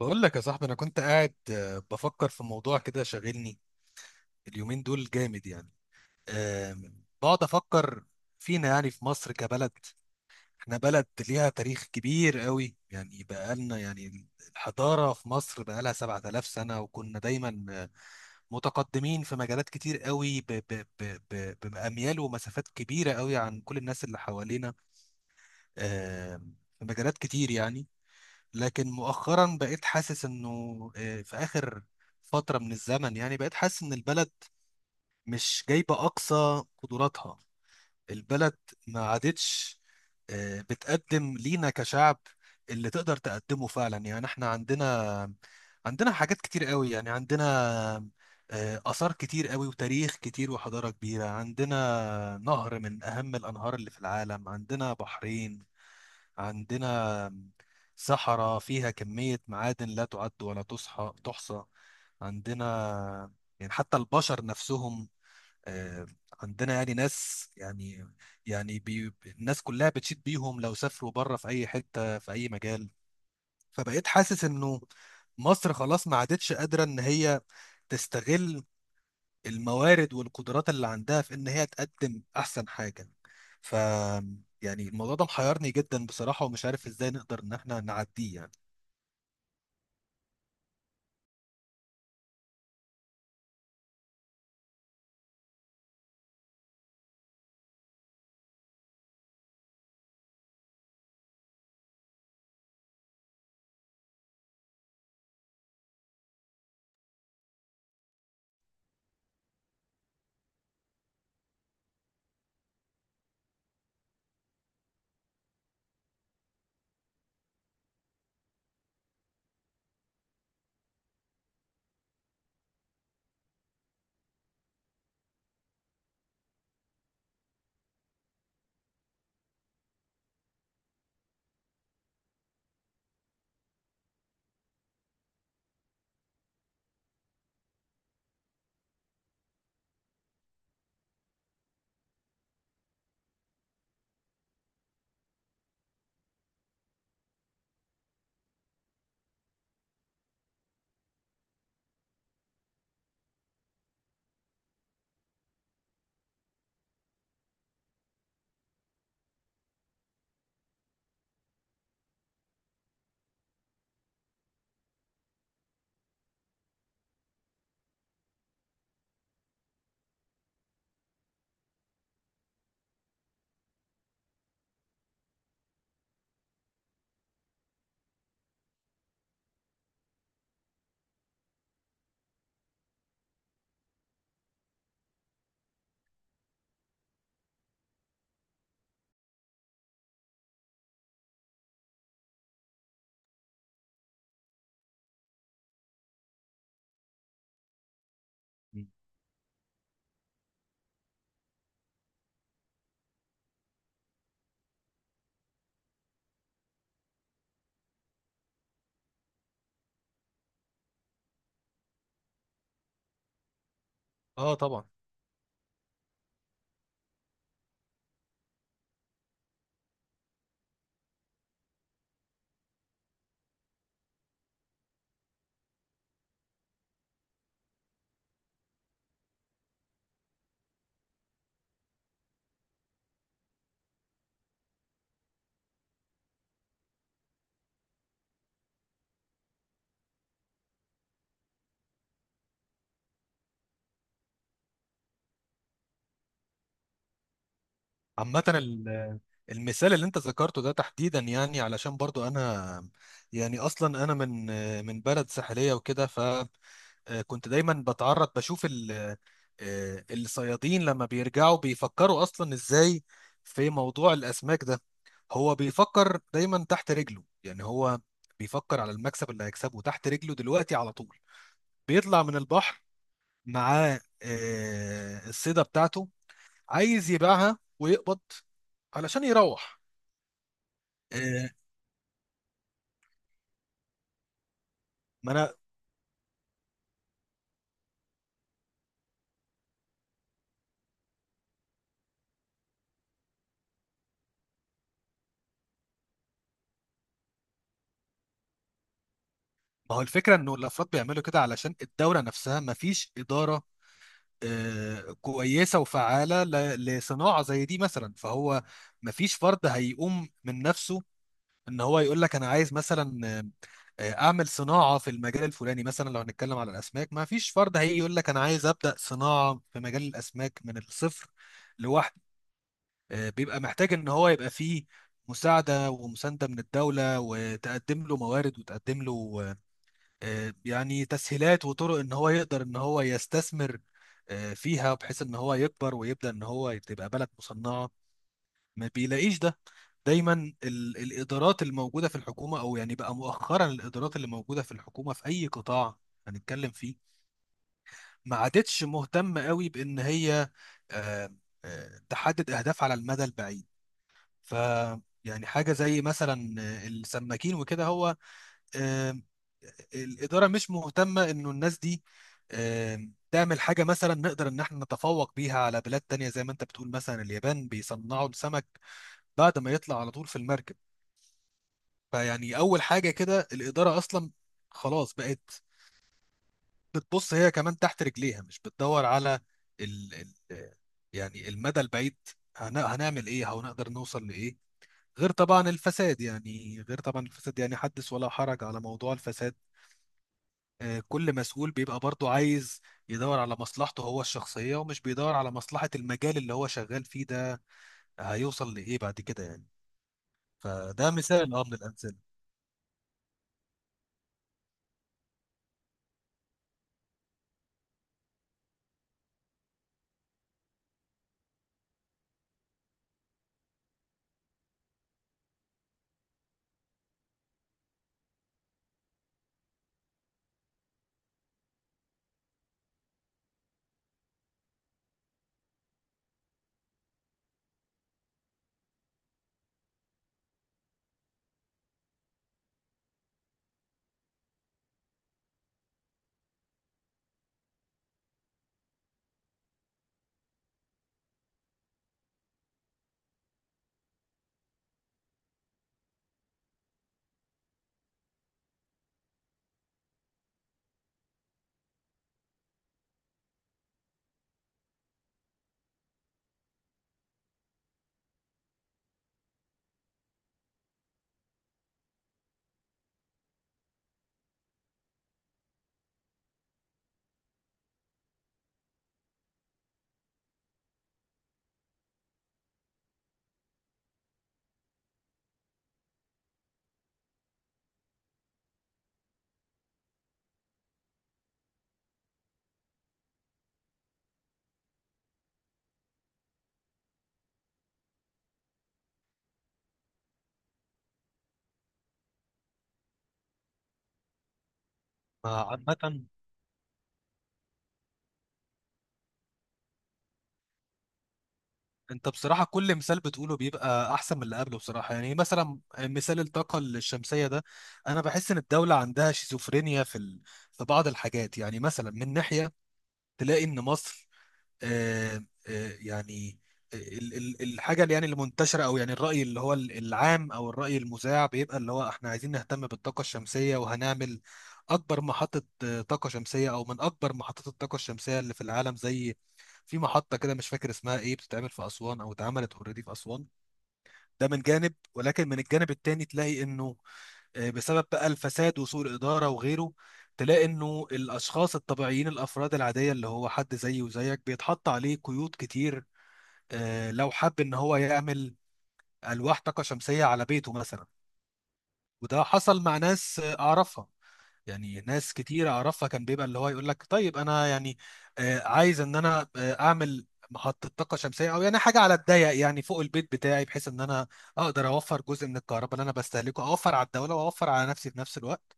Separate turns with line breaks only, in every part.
بقول لك يا صاحبي، انا كنت قاعد بفكر في موضوع كده شاغلني اليومين دول جامد يعني. بقعد افكر فينا، يعني في مصر كبلد. احنا بلد ليها تاريخ كبير قوي، يعني بقالنا يعني الحضارة في مصر بقالها 7000 سنة، وكنا دايما متقدمين في مجالات كتير قوي بأميال ومسافات كبيرة قوي عن كل الناس اللي حوالينا. في مجالات كتير يعني. لكن مؤخرا بقيت حاسس انه في اخر فترة من الزمن، يعني بقيت حاسس ان البلد مش جايبة اقصى قدراتها. البلد ما عادتش بتقدم لينا كشعب اللي تقدر تقدمه فعلا. يعني احنا عندنا حاجات كتير قوي، يعني عندنا آثار كتير قوي وتاريخ كتير وحضارة كبيرة، عندنا نهر من أهم الأنهار اللي في العالم، عندنا بحرين، عندنا صحراء فيها كمية معادن لا تعد ولا تحصى. عندنا، يعني حتى البشر نفسهم، آه، عندنا يعني ناس، يعني يعني بي الناس كلها بتشيد بيهم لو سافروا بره في أي حتة في أي مجال. فبقيت حاسس إنه مصر خلاص ما عادتش قادرة إن هي تستغل الموارد والقدرات اللي عندها في ان هي تقدم احسن حاجه. ف يعني الموضوع ده محيرني جدا بصراحه، ومش عارف ازاي نقدر ان احنا نعديه يعني. م. اه، طبعا. عامة المثال اللي انت ذكرته ده تحديدا، يعني علشان برضو انا يعني اصلا انا من بلد ساحلية وكده. كنت دايما بتعرض بشوف الصيادين لما بيرجعوا بيفكروا اصلا ازاي في موضوع الاسماك ده. هو بيفكر دايما تحت رجله، يعني هو بيفكر على المكسب اللي هيكسبه تحت رجله دلوقتي على طول. بيطلع من البحر معاه الصيدة بتاعته، عايز يبيعها ويقبض علشان يروح. آه، ما انا ما هو الفكرة انه الافراد بيعملوا كده علشان الدولة نفسها ما فيش إدارة كويسة وفعالة لصناعة زي دي مثلا. فهو مفيش فرد هيقوم من نفسه ان هو يقول لك انا عايز مثلا اعمل صناعة في المجال الفلاني. مثلا لو هنتكلم على الاسماك مفيش فرد هيجي يقول لك انا عايز ابدأ صناعة في مجال الاسماك من الصفر لوحده. بيبقى محتاج ان هو يبقى فيه مساعدة ومساندة من الدولة، وتقدم له موارد وتقدم له يعني تسهيلات وطرق ان هو يقدر ان هو يستثمر فيها، بحيث ان هو يكبر ويبدا ان هو تبقى بلد مصنعه. ما بيلاقيش ده. دايما الادارات الموجوده في الحكومه، او يعني بقى مؤخرا الادارات اللي موجوده في الحكومه في اي قطاع هنتكلم فيه، ما عادتش مهتمه قوي بان هي آه، تحدد اهداف على المدى البعيد. ف يعني حاجه زي مثلا السماكين وكده، هو آم، الإدارة مش مهتمة إنه الناس دي تعمل حاجة مثلا نقدر إن احنا نتفوق بيها على بلاد تانية، زي ما أنت بتقول مثلا اليابان بيصنعوا السمك بعد ما يطلع على طول في المركب. فيعني أول حاجة كده الإدارة أصلا خلاص بقت بتبص هي كمان تحت رجليها، مش بتدور على ال ال يعني المدى البعيد. هنعمل إيه أو نقدر نوصل لإيه؟ غير طبعا الفساد، يعني غير طبعا الفساد، يعني حدث ولا حرج على موضوع الفساد. كل مسؤول بيبقى برضه عايز يدور على مصلحته هو الشخصية، ومش بيدور على مصلحة المجال اللي هو شغال فيه ده هيوصل لإيه بعد كده يعني. فده مثال من الأمثلة. فعامة انت بصراحة كل مثال بتقوله بيبقى أحسن من اللي قبله بصراحة، يعني مثلا مثال الطاقة الشمسية ده أنا بحس إن الدولة عندها شيزوفرينيا في بعض الحاجات. يعني مثلا من ناحية تلاقي إن مصر آه، يعني الحاجه اللي يعني المنتشره، او يعني الراي اللي هو العام، او الراي المذاع بيبقى اللي هو احنا عايزين نهتم بالطاقه الشمسيه، وهنعمل اكبر محطه طاقه شمسيه، او من اكبر محطات الطاقه الشمسيه اللي في العالم، زي في محطه كده مش فاكر اسمها ايه بتتعمل في اسوان او اتعملت اوريدي في اسوان. ده من جانب، ولكن من الجانب التاني تلاقي انه بسبب بقى الفساد وسوء الإدارة وغيره تلاقي إنه الأشخاص الطبيعيين، الأفراد العادية اللي هو حد زيي وزيك بيتحط عليه قيود كتير لو حب إن هو يعمل ألواح طاقة شمسية على بيته مثلا. وده حصل مع ناس أعرفها، يعني ناس كتير أعرفها كان بيبقى اللي هو يقول لك طيب أنا يعني عايز إن أنا أعمل محطة طاقة شمسية، أو يعني حاجة على الضيق يعني فوق البيت بتاعي، بحيث إن أنا أقدر أوفر جزء من الكهرباء اللي أنا بستهلكه، أوفر على الدولة وأوفر على نفسي في نفس الوقت.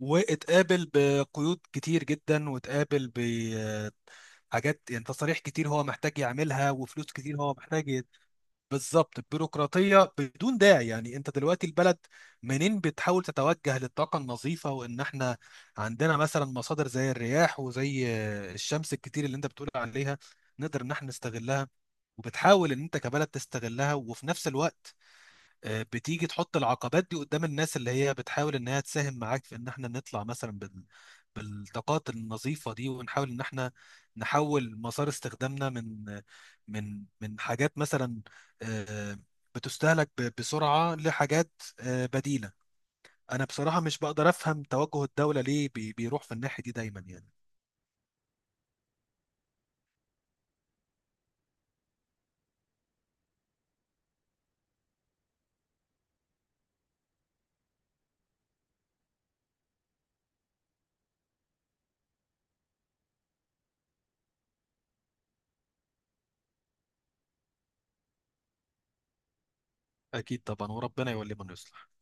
واتقابل بقيود كتير جدا، واتقابل بحاجات يعني تصاريح كتير هو محتاج يعملها، وفلوس كتير هو محتاج بالظبط بيروقراطية بدون داعي. يعني انت دلوقتي البلد منين بتحاول تتوجه للطاقة النظيفة، وان احنا عندنا مثلا مصادر زي الرياح وزي الشمس الكتير اللي انت بتقول عليها نقدر ان احنا نستغلها، وبتحاول ان انت كبلد تستغلها، وفي نفس الوقت بتيجي تحط العقبات دي قدام الناس اللي هي بتحاول انها تساهم معاك في ان احنا نطلع مثلا بالطاقات النظيفة دي، ونحاول ان احنا نحول مسار استخدامنا من حاجات مثلا آه، بتستهلك بسرعة لحاجات بديلة. انا بصراحة مش بقدر افهم توجه الدولة ليه بيروح في الناحية دي دايما يعني. اكيد طبعا، وربنا يولي من يصلح.